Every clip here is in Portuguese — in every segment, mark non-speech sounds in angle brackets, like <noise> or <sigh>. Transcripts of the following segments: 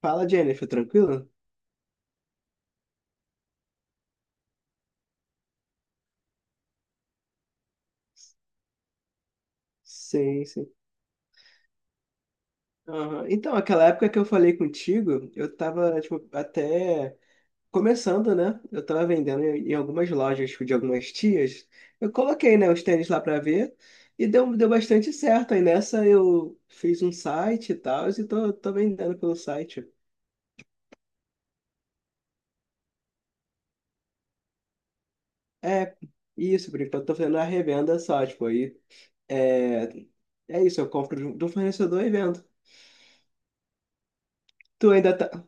Fala, Jennifer, tranquilo? Sim, sim. Aham. Então, aquela época que eu falei contigo, eu tava, tipo, até começando, né? Eu tava vendendo em algumas lojas, tipo, de algumas tias. Eu coloquei, né, os tênis lá pra ver e deu bastante certo. Aí nessa eu fiz um site e tal, e tô vendendo pelo site. É, isso, por enquanto eu tô fazendo a revenda só, tipo, aí é, é isso, eu compro de um fornecedor e vendo. Tu ainda tá.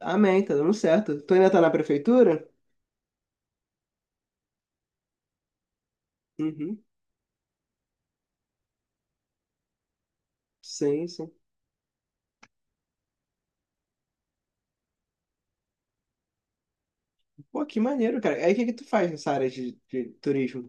Amém, tá dando certo. Tu ainda tá na prefeitura? Uhum. Sim, sim. Pô, que maneiro, cara. Aí o que que tu faz nessa área de turismo?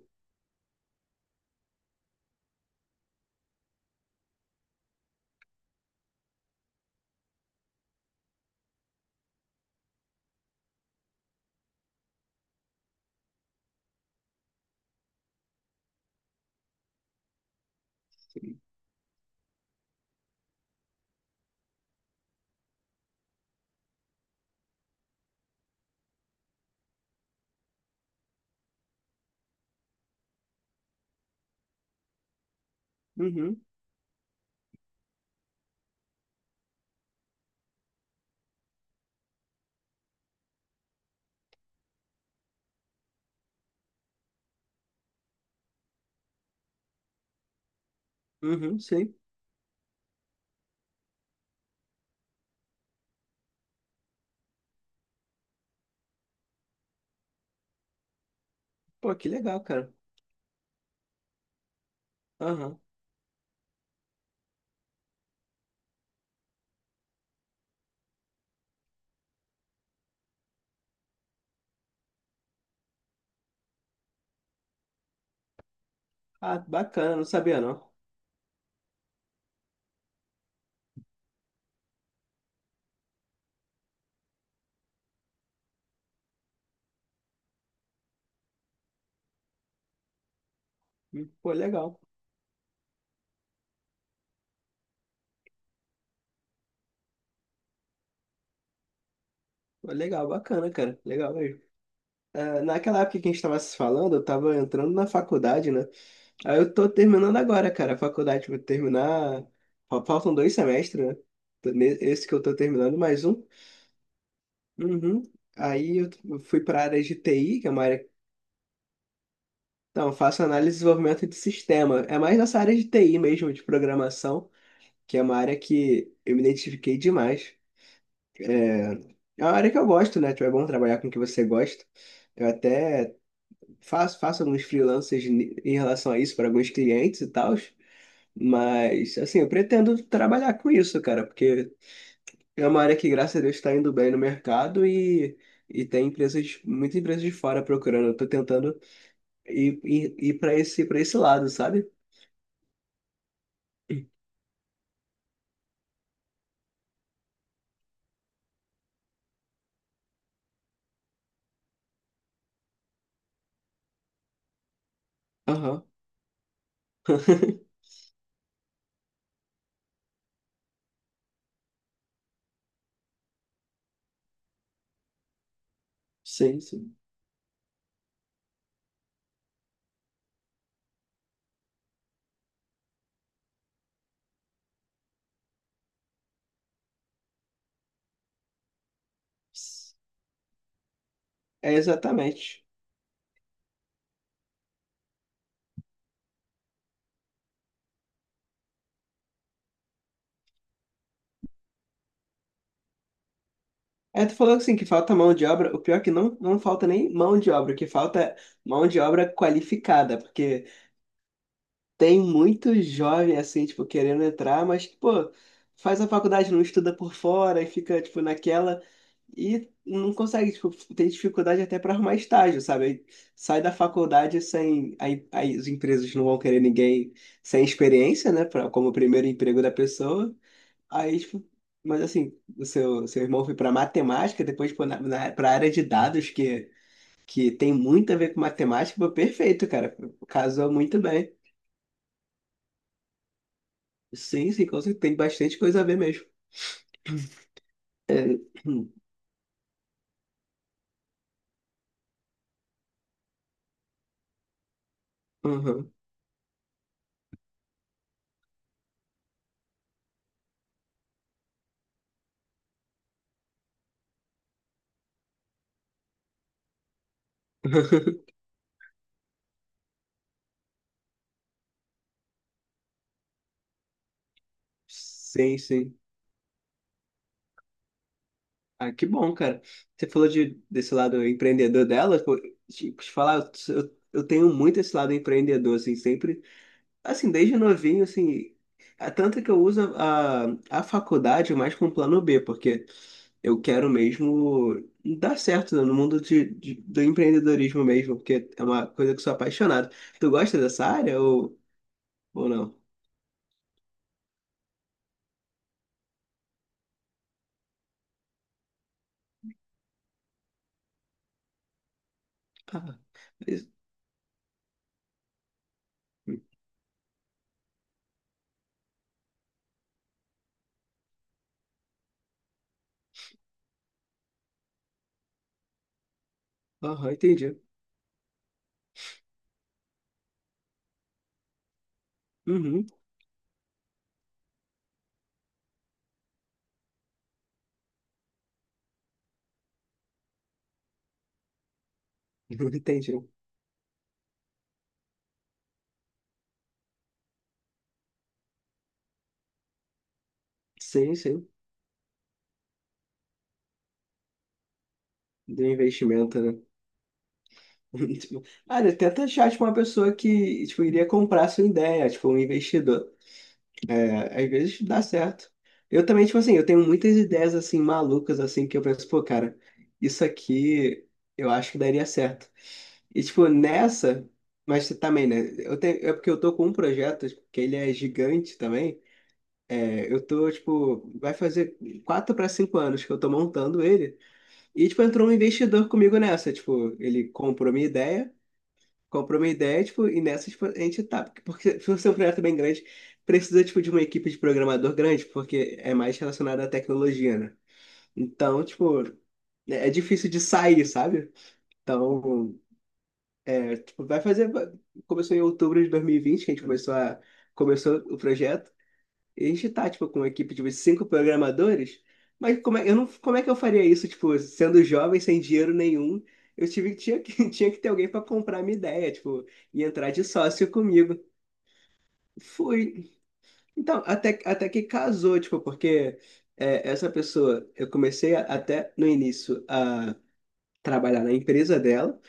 Uhum, uhum, sim. Pô, que legal, cara. Aham. Ah, bacana, não sabia não. Pô, legal. Pô, legal, bacana, cara. Legal mesmo. Ah, naquela época que a gente tava se falando, eu tava entrando na faculdade, né? Aí eu tô terminando agora, cara. A faculdade vai terminar. Faltam 2 semestres, né? Esse que eu tô terminando, mais um. Uhum. Eu fui pra área de TI, que é uma área. Então, eu faço análise e desenvolvimento de sistema. É mais nessa área de TI mesmo, de programação, que é uma área que eu me identifiquei demais. É, é uma área que eu gosto, né? Tipo, é bom trabalhar com o que você gosta. Eu até faço alguns freelancers em relação a isso para alguns clientes e tal. Mas, assim, eu pretendo trabalhar com isso, cara, porque é uma área que, graças a Deus, está indo bem no mercado e tem empresas, muitas empresas de fora procurando. Eu tô tentando ir para para esse lado, sabe? Aham, sim, sim. É exatamente. É, tu falou assim que falta mão de obra. O pior é que não, não falta nem mão de obra, o que falta é mão de obra qualificada, porque tem muito jovem assim, tipo, querendo entrar, mas que, pô, faz a faculdade, não estuda por fora e fica, tipo, naquela e não consegue, tipo, tem dificuldade até para arrumar estágio, sabe? Aí sai da faculdade sem. Aí as empresas não vão querer ninguém sem experiência, né? Pra, como primeiro emprego da pessoa. Aí, tipo, mas assim, o seu irmão foi para matemática, depois para pra área de dados, que tem muito a ver com matemática, pô, perfeito, cara. Casou muito bem. Sim, sim, com certeza, tem bastante coisa a ver mesmo. É, hum, uhum. <laughs> Sim, sim. Ah, que bom, cara. Você falou desse lado empreendedor dela, pô, tipo, te falar, eu tenho muito esse lado empreendedor, assim, sempre. Assim, desde novinho, assim, é tanto que eu uso a faculdade mais como plano B, porque eu quero mesmo dar certo né, no mundo do empreendedorismo mesmo, porque é uma coisa que eu sou apaixonado. Tu gosta dessa área ou não? Ah, isso. Aham, entendi. Uhum, <laughs> entendi. Sim, sim. Do investimento, né? <laughs> Tipo, ah, né, tenta achar, tipo, uma pessoa que, tipo, iria comprar a sua ideia, tipo, um investidor. Às vezes dá certo. Eu também, tipo assim, eu tenho muitas ideias assim malucas assim que eu penso, pô, cara, isso aqui eu acho que daria certo. E tipo, nessa, mas também, né? Eu tenho, é porque eu tô com um projeto tipo, que ele é gigante também. É, eu tô, tipo, vai fazer 4 para 5 anos que eu tô montando ele. E tipo, entrou um investidor comigo nessa, tipo, ele comprou minha ideia. Comprou uma ideia, tipo, e nessa, tipo, a gente tá. Porque se você é um projeto bem grande, precisa, tipo, de uma equipe de programador grande, porque é mais relacionado à tecnologia, né? Então, tipo, é difícil de sair, sabe? Então, tipo, vai fazer. Começou em outubro de 2020, que a gente começou começou o projeto. E a gente tá, tipo, com uma equipe de uns 5 programadores, mas como é, eu não, como é que eu faria isso, tipo, sendo jovem, sem dinheiro nenhum? Eu tive, tinha que, <laughs> tinha que ter alguém para comprar minha ideia, tipo, e entrar de sócio comigo. Fui. Então, até que casou, tipo, porque é, essa pessoa, eu comecei até no início a trabalhar na empresa dela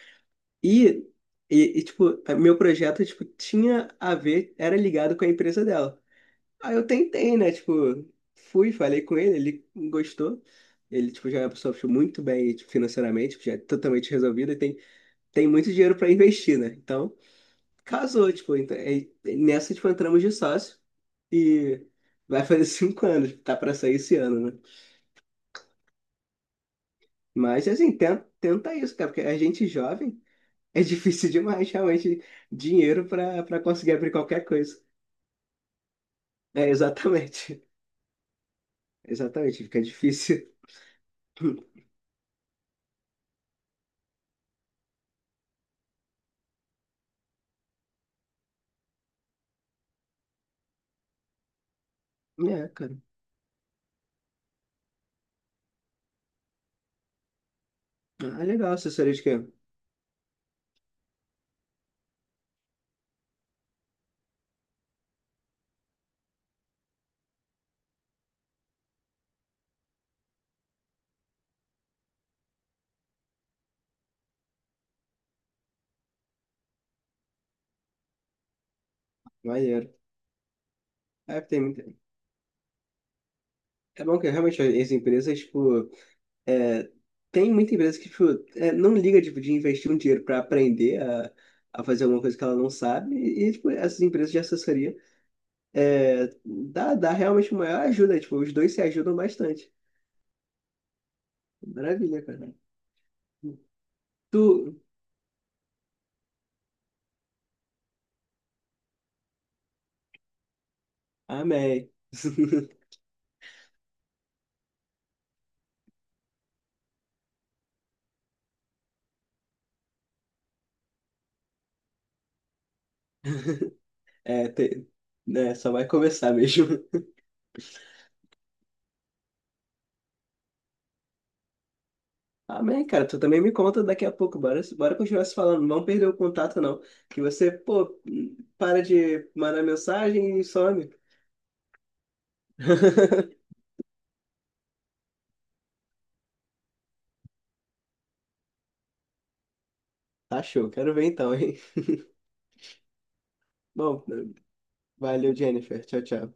e, e, tipo, meu projeto, tipo, tinha a ver, era ligado com a empresa dela. Aí eu tentei, né? Tipo, fui, falei com ele, ele gostou. Ele, tipo, já é uma pessoa tipo, muito bem tipo, financeiramente, tipo, já é totalmente resolvida e tem, tem muito dinheiro para investir, né? Então, casou, tipo, então, é, nessa, tipo, entramos de sócio e vai fazer <laughs> 5 anos, tá para sair esse ano, né? Mas, assim, tenta isso, cara, porque a gente jovem <laughs> é difícil demais, realmente, dinheiro para conseguir abrir qualquer coisa. É, exatamente. <laughs> Exatamente, fica difícil. <laughs> É, cara. Ah, é legal essa que é. Maneiro. É, tem muita... é bom que realmente as empresas, tipo, é, tem muita empresa que, tipo, é, não liga, tipo, de investir um dinheiro para aprender a fazer alguma coisa que ela não sabe. E, tipo, essas empresas de assessoria é, dá realmente uma maior ajuda. Tipo, os dois se ajudam bastante. Maravilha, cara. Tu... Amém. <laughs> É, tem... né, só vai começar mesmo. Amém, cara. Tu também me conta daqui a pouco. Bora continuar se falando. Não vamos perder o contato, não. Que você, pô, para de mandar mensagem e some. <laughs> Tá show. Quero ver então, hein? <laughs> Bom, valeu, Jennifer. Tchau, tchau.